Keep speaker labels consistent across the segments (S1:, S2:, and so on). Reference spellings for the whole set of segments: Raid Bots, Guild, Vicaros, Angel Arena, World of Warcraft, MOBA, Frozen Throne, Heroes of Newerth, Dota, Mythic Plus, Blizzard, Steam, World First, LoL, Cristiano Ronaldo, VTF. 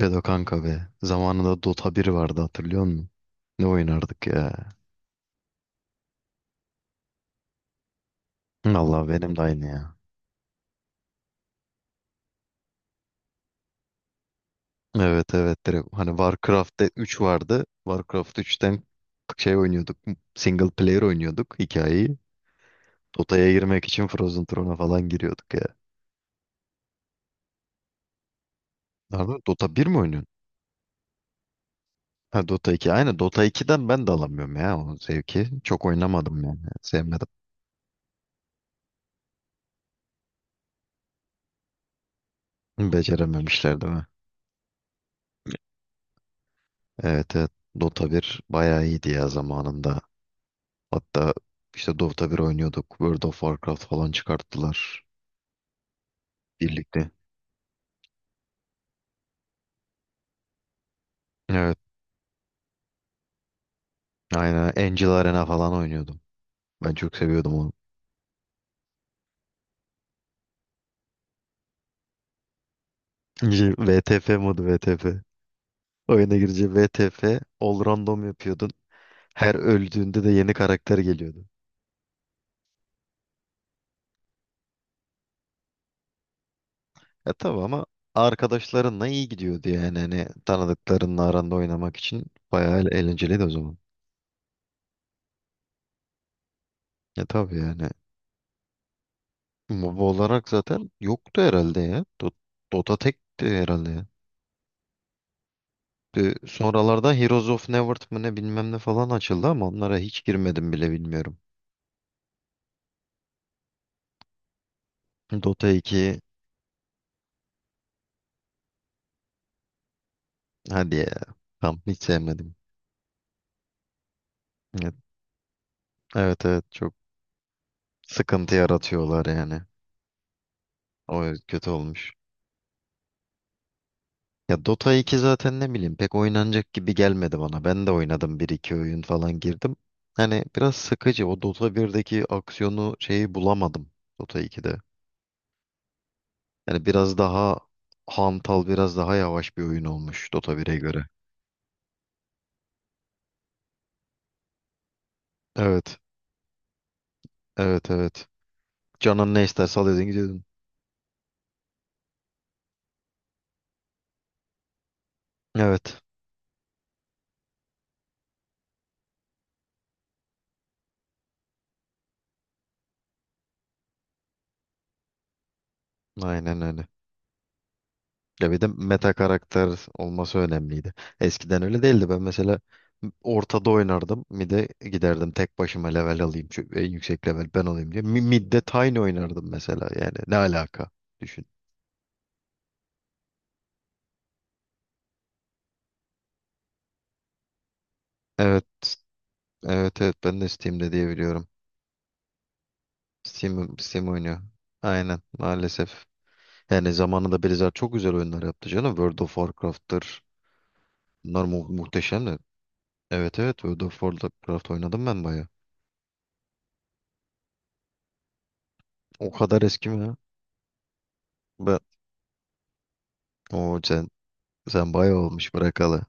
S1: Bedo kanka be. Zamanında Dota bir vardı, hatırlıyor musun? Ne oynardık ya. Allah, benim de aynı ya. Evet, evet, direkt hani Warcraft'te 3 vardı. Warcraft 3'ten şey oynuyorduk. Single player oynuyorduk hikayeyi. Dota'ya girmek için Frozen Throne'a falan giriyorduk ya. Nerede Dota bir mi oynuyorsun? Ha, Dota iki. Aynen, Dota iki'den ben de alamıyorum ya o zevki. Çok oynamadım yani. Sevmedim. Becerememişler değil mi? Evet, evet. Dota bir bayağı iyiydi ya zamanında. Hatta işte Dota bir oynuyorduk. World of Warcraft falan çıkarttılar birlikte. Evet. Aynen. Angel Arena falan oynuyordum. Ben çok seviyordum onu. İşte VTF modu VTF. Oyuna girince VTF all random yapıyordun. Her öldüğünde de yeni karakter geliyordu. Ya tabii, ama arkadaşlarınla iyi gidiyordu yani. Hani tanıdıklarınla aranda oynamak için bayağı eğlenceliydi o zaman. Ya tabii yani. MOBA olarak zaten yoktu herhalde ya. Dota tekti herhalde ya. Sonralarda Heroes of Newerth mı ne bilmem ne falan açıldı ama onlara hiç girmedim bile, bilmiyorum. Dota 2, hadi ya. Tam hiç sevmedim. Evet, evet, evet, çok sıkıntı yaratıyorlar yani. O kötü olmuş. Ya Dota 2 zaten ne bileyim pek oynanacak gibi gelmedi bana. Ben de oynadım, bir iki oyun falan girdim. Hani biraz sıkıcı, o Dota 1'deki aksiyonu şeyi bulamadım Dota 2'de. Yani biraz daha hantal, biraz daha yavaş bir oyun olmuş Dota 1'e göre. Evet. Evet, evet. Canın ne isterse alıyordun, gidiyordun. Evet. Aynen öyle. Ya bir de meta karakter olması önemliydi. Eskiden öyle değildi. Ben mesela ortada oynardım. Mid'e giderdim. Tek başıma level alayım, şu en yüksek level ben olayım diye. Mid'de Tiny oynardım mesela. Yani ne alaka? Düşün. Evet. Evet, evet. Ben de Steam'de diye biliyorum. Steam oynuyor. Aynen. Maalesef. Yani zamanında Blizzard çok güzel oyunlar yaptı canım. World of Warcraft'tır. Bunlar mu muhteşem. Evet, evet, World of Warcraft oynadım ben bayağı. O kadar eski mi ya? Ben o sen sen bayağı olmuş bırakalı.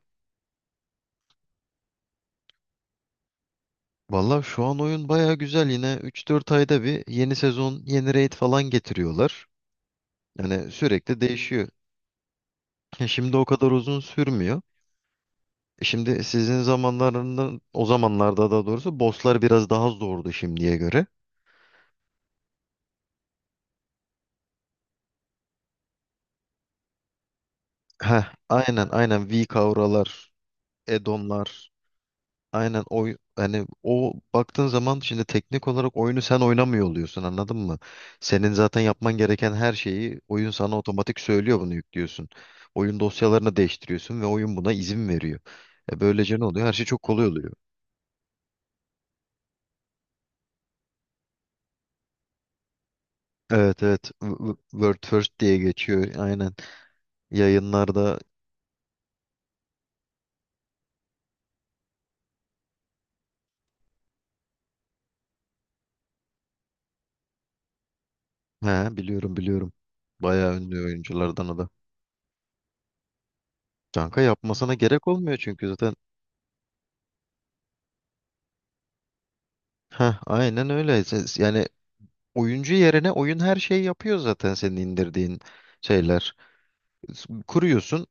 S1: Valla şu an oyun bayağı güzel yine. Üç dört ayda bir yeni sezon, yeni raid falan getiriyorlar. Yani sürekli değişiyor. Şimdi o kadar uzun sürmüyor. Şimdi sizin zamanlarında, o zamanlarda daha doğrusu, bosslar biraz daha zordu şimdiye göre. Heh, aynen aynen, V kavralar, edonlar. Aynen, oy hani o baktığın zaman şimdi teknik olarak oyunu sen oynamıyor oluyorsun, anladın mı? Senin zaten yapman gereken her şeyi oyun sana otomatik söylüyor, bunu yüklüyorsun. Oyun dosyalarını değiştiriyorsun ve oyun buna izin veriyor. Böylece ne oluyor? Her şey çok kolay oluyor. Evet, evet, World First diye geçiyor aynen. Yayınlarda. He, biliyorum biliyorum. Bayağı ünlü oyunculardan o da. Kanka yapmasına gerek olmuyor çünkü zaten. Heh, aynen öyle. Yani oyuncu yerine oyun her şeyi yapıyor zaten, senin indirdiğin şeyler. Kuruyorsun.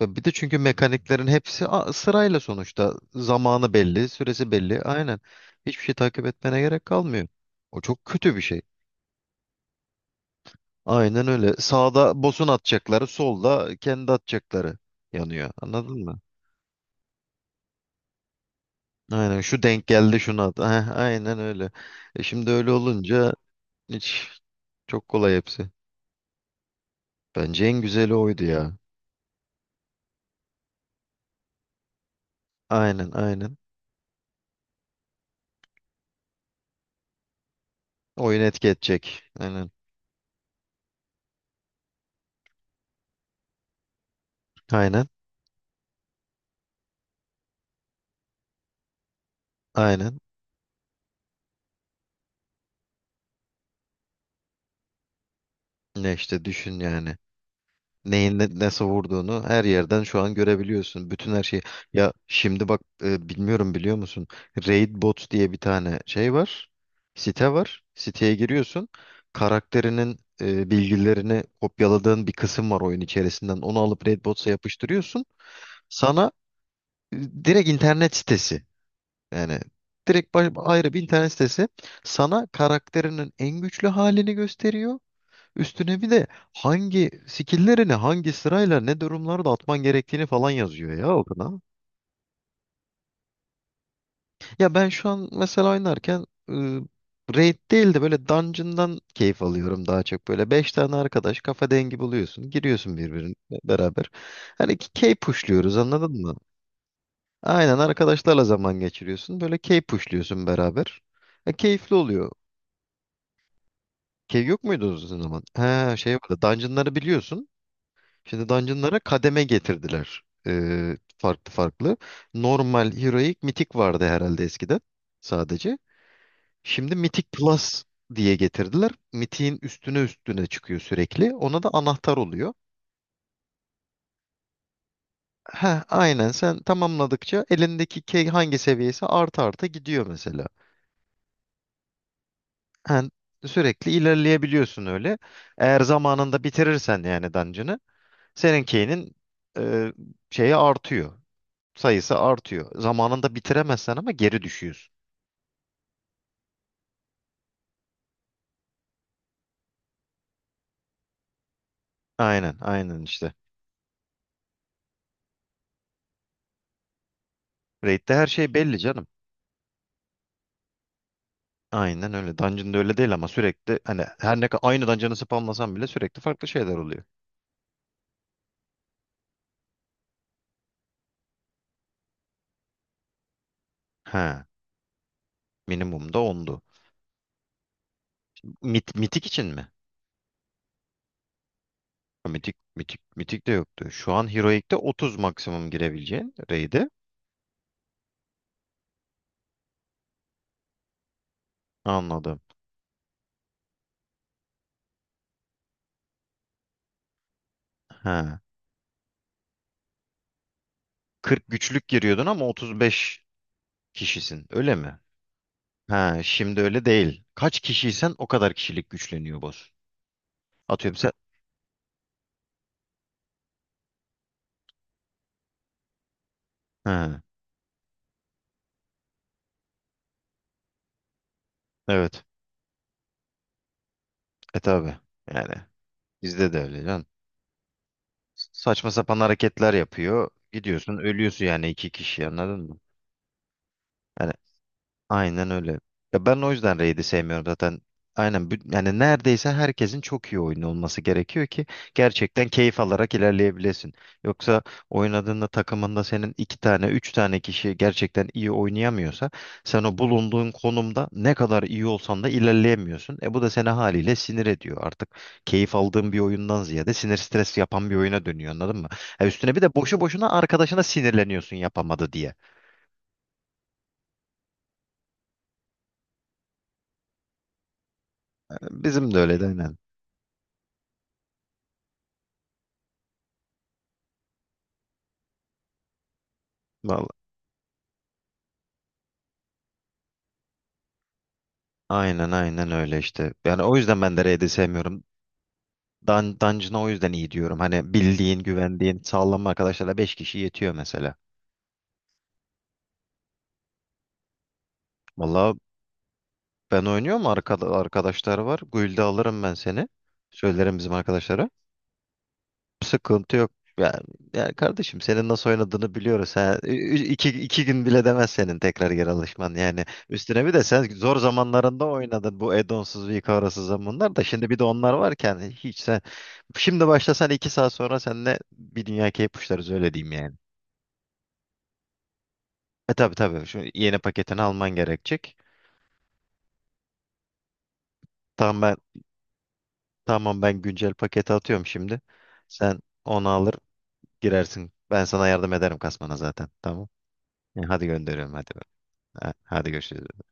S1: Bir de çünkü mekaniklerin hepsi sırayla sonuçta. Zamanı belli, süresi belli. Aynen. Hiçbir şey takip etmene gerek kalmıyor. O çok kötü bir şey. Aynen öyle. Sağda boss'un atacakları, solda kendi atacakları yanıyor. Anladın mı? Aynen, şu denk geldi şuna at. Heh, aynen öyle. Şimdi öyle olunca hiç, çok kolay hepsi. Bence en güzeli oydu ya. Aynen aynen. Oyun etki edecek. Aynen. Aynen. Aynen. Ne işte düşün yani. Nasıl vurduğunu her yerden şu an görebiliyorsun. Bütün her şeyi. Ya şimdi bak, bilmiyorum, biliyor musun? Raid Bots diye bir tane şey var. Site var. Siteye giriyorsun. Karakterinin bilgilerini kopyaladığın bir kısım var oyun içerisinden. Onu alıp Raid Bots'a yapıştırıyorsun. Sana direkt internet sitesi. Yani direkt ayrı bir internet sitesi sana karakterinin en güçlü halini gösteriyor. Üstüne bir de hangi skill'lerini hangi sırayla ne durumlarda atman gerektiğini falan yazıyor ya okuna. Ya ben şu an mesela oynarken raid değil de böyle dungeon'dan keyif alıyorum daha çok. Böyle 5 tane arkadaş kafa dengi buluyorsun. Giriyorsun birbirine beraber. Hani key pushluyoruz, anladın mı? Aynen, arkadaşlarla zaman geçiriyorsun. Böyle key pushluyorsun beraber. Keyifli oluyor. Cave yok muydu o zaman? He, şey vardı. Dungeon'ları biliyorsun. Şimdi Dungeon'lara kademe getirdiler. Farklı farklı. Normal, Heroic, Mythic vardı herhalde eskiden sadece. Şimdi Mythic Plus diye getirdiler. Mythic'in üstüne üstüne çıkıyor sürekli. Ona da anahtar oluyor. He, aynen, sen tamamladıkça elindeki key hangi seviyesi artı arta gidiyor mesela. Yani sürekli ilerleyebiliyorsun öyle. Eğer zamanında bitirirsen yani dungeon'ı, seninkinin e, şeyi artıyor. Sayısı artıyor. Zamanında bitiremezsen ama geri düşüyorsun. Aynen, aynen işte. Raid'de her şey belli canım. Aynen öyle. Dungeon'da öyle değil ama sürekli, hani her ne kadar aynı dungeon'ı spamlasan bile sürekli farklı şeyler oluyor. He. Minimum da 10'du. Mitik için mi? Ha, Mitik de yoktu. Şu an Heroic'te 30 maksimum girebileceğin raid'e. Anladım. He. 40 güçlük giriyordun ama 35 kişisin. Öyle mi? Ha, şimdi öyle değil. Kaç kişiysen o kadar kişilik güçleniyor boss. Atıyorum sen. Ha, evet. Tabi. Yani bizde de öyle can. Saçma sapan hareketler yapıyor. Gidiyorsun, ölüyorsun yani iki kişi, anladın mı? Yani. Aynen öyle. Ya ben o yüzden Raid'i sevmiyorum zaten. Aynen, yani neredeyse herkesin çok iyi oyunu olması gerekiyor ki gerçekten keyif alarak ilerleyebilesin. Yoksa oynadığında takımında senin iki tane, üç tane kişi gerçekten iyi oynayamıyorsa, sen o bulunduğun konumda ne kadar iyi olsan da ilerleyemiyorsun. Bu da seni haliyle sinir ediyor. Artık keyif aldığın bir oyundan ziyade sinir, stres yapan bir oyuna dönüyor, anladın mı? Ha, üstüne bir de boşu boşuna arkadaşına sinirleniyorsun yapamadı diye. Bizim de öyleydi aynen. Aynen aynen öyle işte. Yani o yüzden ben de raid'i sevmiyorum. Dungeon'a o yüzden iyi diyorum. Hani bildiğin, güvendiğin, sağlam arkadaşlarla 5 kişi yetiyor mesela. Valla ben oynuyorum. Arkadaşlar var. Guild'e alırım ben seni. Söylerim bizim arkadaşlara. Sıkıntı yok. Yani, yani kardeşim, senin nasıl oynadığını biliyoruz. Ha. İki gün bile demez senin tekrar geri alışman. Yani üstüne bir de sen zor zamanlarında oynadın bu add-onsuz, Vicaros'uz zamanlar da. Şimdi bir de onlar varken hiç sen... Şimdi başlasan 2 saat sonra seninle bir dünya keyif uçlarız, öyle diyeyim yani. Tabii tabii şu yeni paketini alman gerekecek. Tamam ben, tamam, ben güncel paketi atıyorum şimdi. Sen onu alır girersin. Ben sana yardım ederim kasmana zaten. Tamam. Yani hadi gönderiyorum, hadi. Hadi görüşürüz.